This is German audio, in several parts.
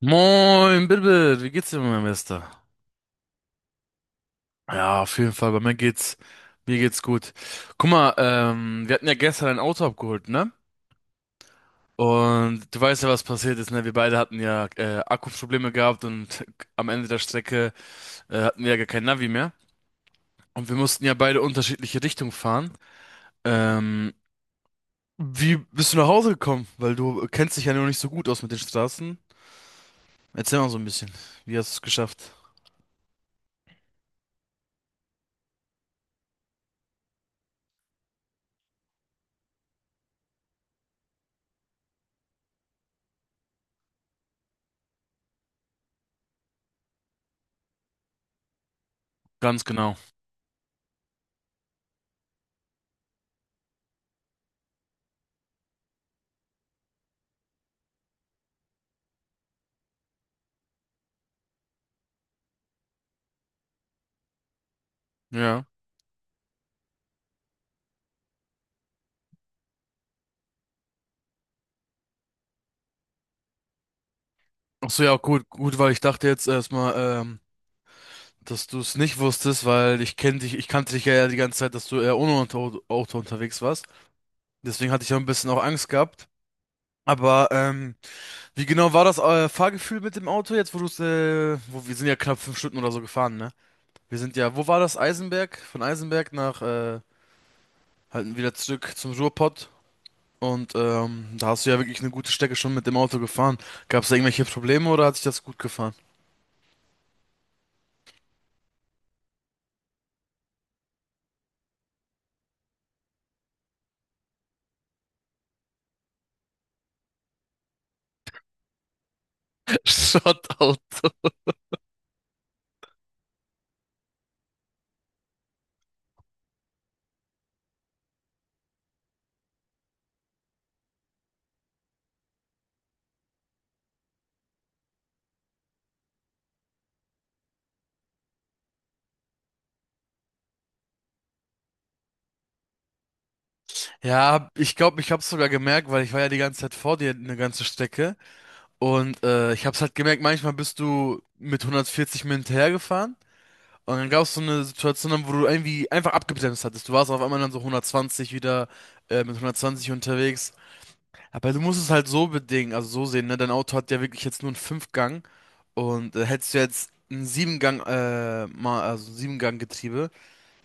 Moin, Bilbil, wie geht's dir, mein Bester? Ja, auf jeden Fall, bei mir mir geht's gut. Guck mal, wir hatten ja gestern ein Auto abgeholt, ne? Und du weißt ja, was passiert ist, ne? Wir beide hatten ja Akkuprobleme gehabt und am Ende der Strecke hatten wir ja gar kein Navi mehr. Und wir mussten ja beide unterschiedliche Richtungen fahren. Ähm, Wie bist du nach Hause gekommen? Weil du kennst dich ja noch nicht so gut aus mit den Straßen. Erzähl mal so ein bisschen. Wie hast du es geschafft? Ganz genau. Ja. Ach so, ja, gut, gut, weil ich dachte jetzt erstmal, dass du es nicht wusstest, weil ich ich kannte dich ja die ganze Zeit, dass du eher ohne Auto unterwegs warst. Deswegen hatte ich ja ein bisschen auch Angst gehabt. Aber wie genau war das Fahrgefühl mit dem Auto jetzt, wo du es, wo wir sind ja knapp 5 Stunden oder so gefahren, ne? Wir sind ja, wo war das? Eisenberg? Von Eisenberg nach halt wieder zurück zum Ruhrpott. Und da hast du ja wirklich eine gute Strecke schon mit dem Auto gefahren. Gab es da irgendwelche Probleme oder hat sich das gut gefahren? Shoutout. Ja, ich glaube, ich habe es sogar gemerkt, weil ich war ja die ganze Zeit vor dir eine ganze Strecke. Und ich habe es halt gemerkt, manchmal bist du mit 140 mir hinterhergefahren. Und dann gab es so eine Situation, wo du irgendwie einfach abgebremst hattest. Du warst auf einmal dann so 120 wieder, mit 120 unterwegs. Aber du musst es halt so bedingen, also so sehen, ne? Dein Auto hat ja wirklich jetzt nur einen Fünfgang. Und hättest du jetzt ein also Siebengang-Getriebe,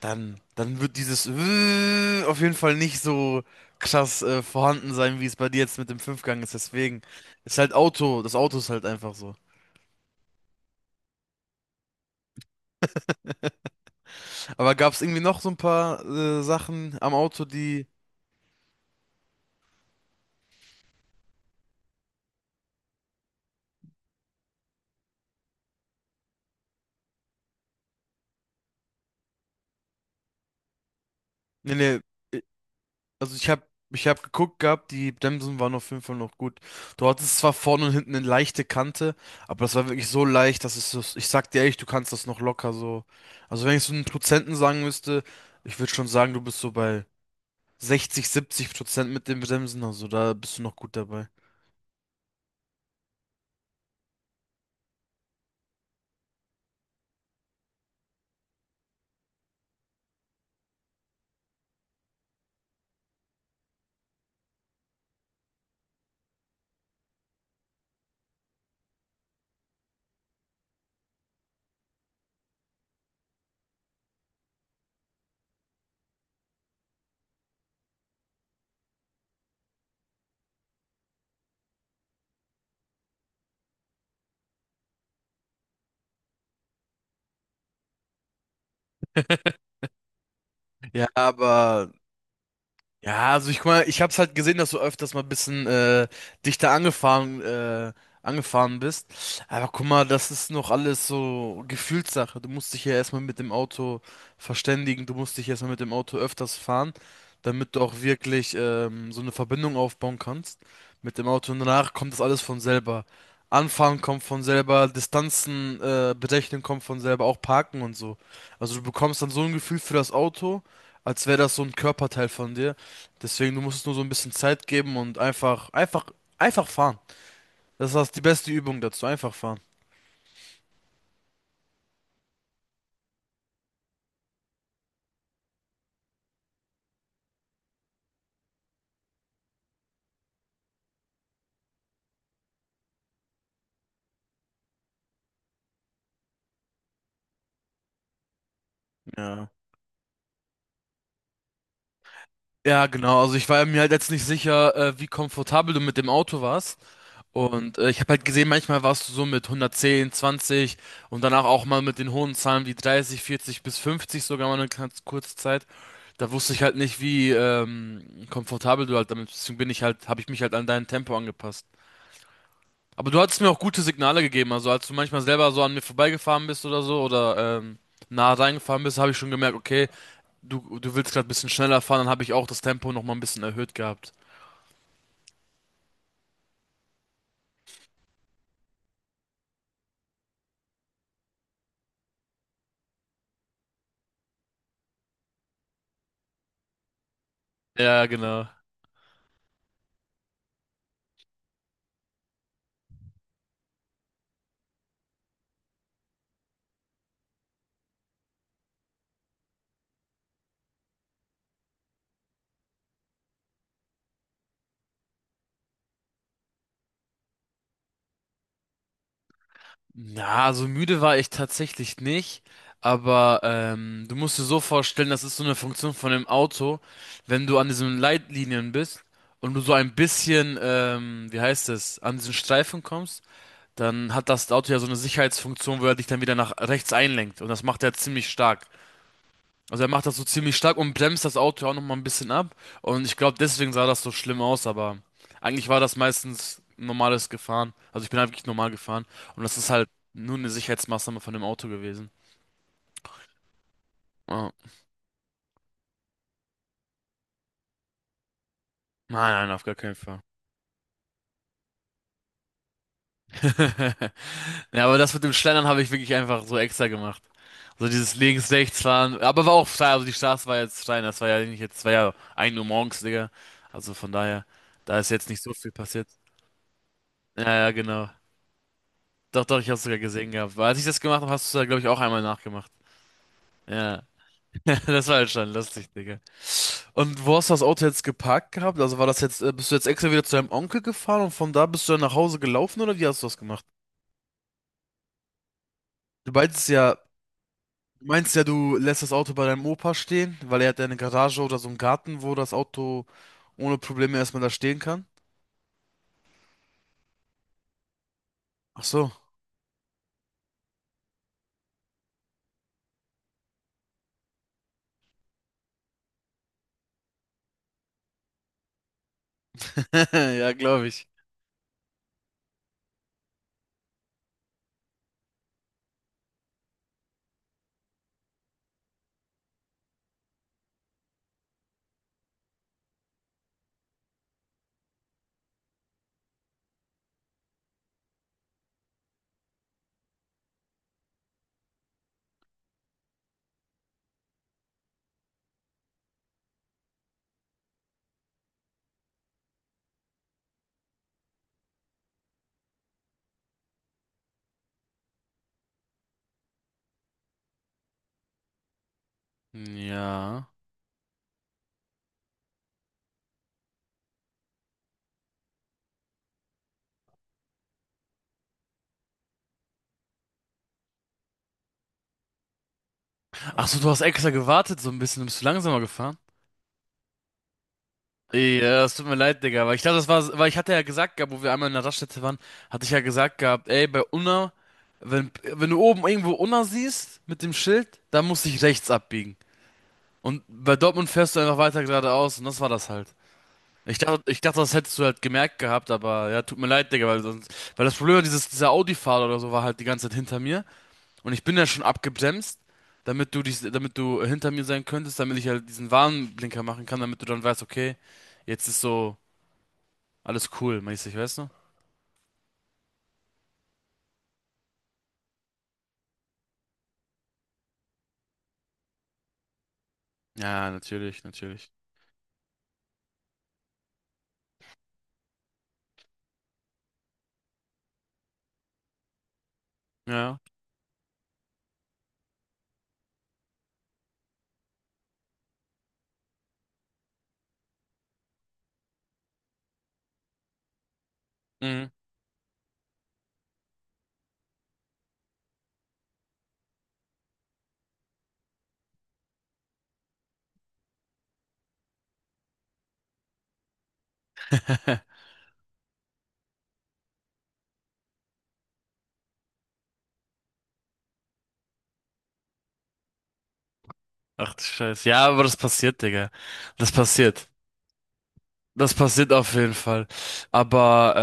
dann wird dieses auf jeden Fall nicht so krass vorhanden sein, wie es bei dir jetzt mit dem Fünfgang ist. Deswegen ist halt das Auto ist halt einfach so. Aber gab es irgendwie noch so ein paar Sachen am Auto, die. Nee, nee, äh, also ich hab, ich hab geguckt gehabt, die Bremsen waren auf jeden Fall noch gut. Du hattest zwar vorne und hinten eine leichte Kante, aber das war wirklich so leicht, dass es so, ich sag dir ehrlich, du kannst das noch locker so. Also wenn ich so einen Prozenten sagen müsste, ich würde schon sagen, du bist so bei 60, 70% mit dem Bremsen, also da bist du noch gut dabei. Ja, aber ja, also ich guck mal, ich hab's halt gesehen, dass du öfters mal ein bisschen dichter angefahren, äh, angefahren bist. Aber guck mal, das ist noch alles so Gefühlssache. Du musst dich ja erstmal mit dem Auto verständigen, du musst dich erstmal mit dem Auto öfters fahren, damit du auch wirklich so eine Verbindung aufbauen kannst mit dem Auto. Und danach kommt das alles von selber. Anfahren kommt von selber, Distanzen berechnen kommt von selber, auch Parken und so. Also du bekommst dann so ein Gefühl für das Auto, als wäre das so ein Körperteil von dir. Deswegen, du musst es nur so ein bisschen Zeit geben und einfach fahren. Das ist die beste Übung dazu, einfach fahren. Ja. Ja, genau. Also ich war mir halt jetzt nicht sicher, wie komfortabel du mit dem Auto warst. Und ich habe halt gesehen, manchmal warst du so mit 110, 20 und danach auch mal mit den hohen Zahlen wie 30, 40 bis 50 sogar mal eine ganz kurze Zeit. Da wusste ich halt nicht, wie komfortabel du halt damit bist. Deswegen habe ich mich halt an dein Tempo angepasst. Aber du hattest mir auch gute Signale gegeben, also als du manchmal selber so an mir vorbeigefahren bist oder so oder nah reingefahren bist, habe ich schon gemerkt, okay, du willst gerade ein bisschen schneller fahren, dann habe ich auch das Tempo nochmal ein bisschen erhöht gehabt. Ja, genau. Na, so müde war ich tatsächlich nicht, aber du musst dir so vorstellen, das ist so eine Funktion von dem Auto, wenn du an diesen Leitlinien bist und du so ein bisschen, wie heißt es, an diesen Streifen kommst, dann hat das Auto ja so eine Sicherheitsfunktion, wo er dich dann wieder nach rechts einlenkt. Und das macht er ziemlich stark. Also er macht das so ziemlich stark und bremst das Auto auch nochmal ein bisschen ab. Und ich glaube, deswegen sah das so schlimm aus, aber eigentlich war das meistens normales Gefahren. Also ich bin halt wirklich normal gefahren. Und das ist halt nur eine Sicherheitsmaßnahme von dem Auto gewesen. Oh. Nein, nein, auf gar keinen Fall. Ja, aber das mit dem Schlendern habe ich wirklich einfach so extra gemacht. So dieses links, rechts fahren. Aber war auch steil, also die Straße war jetzt steil. Das war ja nicht jetzt, war ja 1 Uhr morgens, Digga. Also von daher, da ist jetzt nicht so viel passiert. Ja, ja, genau. Doch, doch, ich hab's sogar gesehen gehabt. Weil als ich das gemacht habe, hast du es, glaube ich, auch einmal nachgemacht. Ja. Das war halt schon lustig, Digga. Und wo hast du das Auto jetzt geparkt gehabt? Also war das jetzt, bist du jetzt extra wieder zu deinem Onkel gefahren und von da bist du dann nach Hause gelaufen oder wie hast du das gemacht? Du meintest ja, du meinst ja, du lässt das Auto bei deinem Opa stehen, weil er hat ja eine Garage oder so einen Garten, wo das Auto ohne Probleme erstmal da stehen kann? Ach so. Ja, glaube ich. Ja. Ach so, du hast extra gewartet so ein bisschen, bist du langsamer gefahren? Ja, es tut mir leid, Digga, weil ich glaube, das war, weil ich hatte ja gesagt gehabt, wo wir einmal in der Raststätte waren, hatte ich ja gesagt gehabt, ey, bei Unna, wenn du oben irgendwo Unna siehst mit dem Schild, dann musst du dich rechts abbiegen. Und bei Dortmund fährst du einfach weiter geradeaus und das war das halt. Ich dachte, das hättest du halt gemerkt gehabt, aber ja, tut mir leid, Digga, weil sonst, weil das Problem war, dieser Audi-Fahrer oder so war halt die ganze Zeit hinter mir und ich bin ja schon abgebremst, damit du hinter mir sein könntest, damit ich halt diesen Warnblinker machen kann, damit du dann weißt, okay, jetzt ist so alles cool, mäßig, weißt du? Ja, natürlich, natürlich. Ja. Mhm. Ach du Scheiße. Ja, aber das passiert, Digga. Das passiert. Das passiert auf jeden Fall. Aber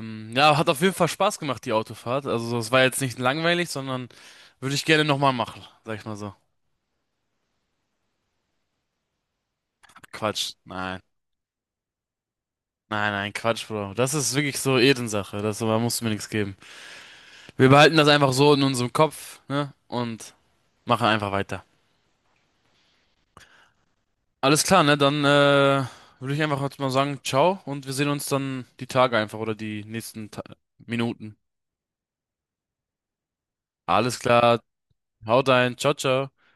ja, hat auf jeden Fall Spaß gemacht, die Autofahrt. Also es war jetzt nicht langweilig, sondern würde ich gerne nochmal machen, sag ich mal so. Quatsch. Nein. Nein, nein, Quatsch, Bro. Das ist wirklich so Ehrensache. Das, da musst du mir nichts geben. Wir behalten das einfach so in unserem Kopf, ne? Und machen einfach weiter. Alles klar, ne? Dann würde ich einfach jetzt mal sagen, ciao und wir sehen uns dann die Tage einfach oder die nächsten Ta Minuten. Alles klar. Haut rein. Ciao, ciao.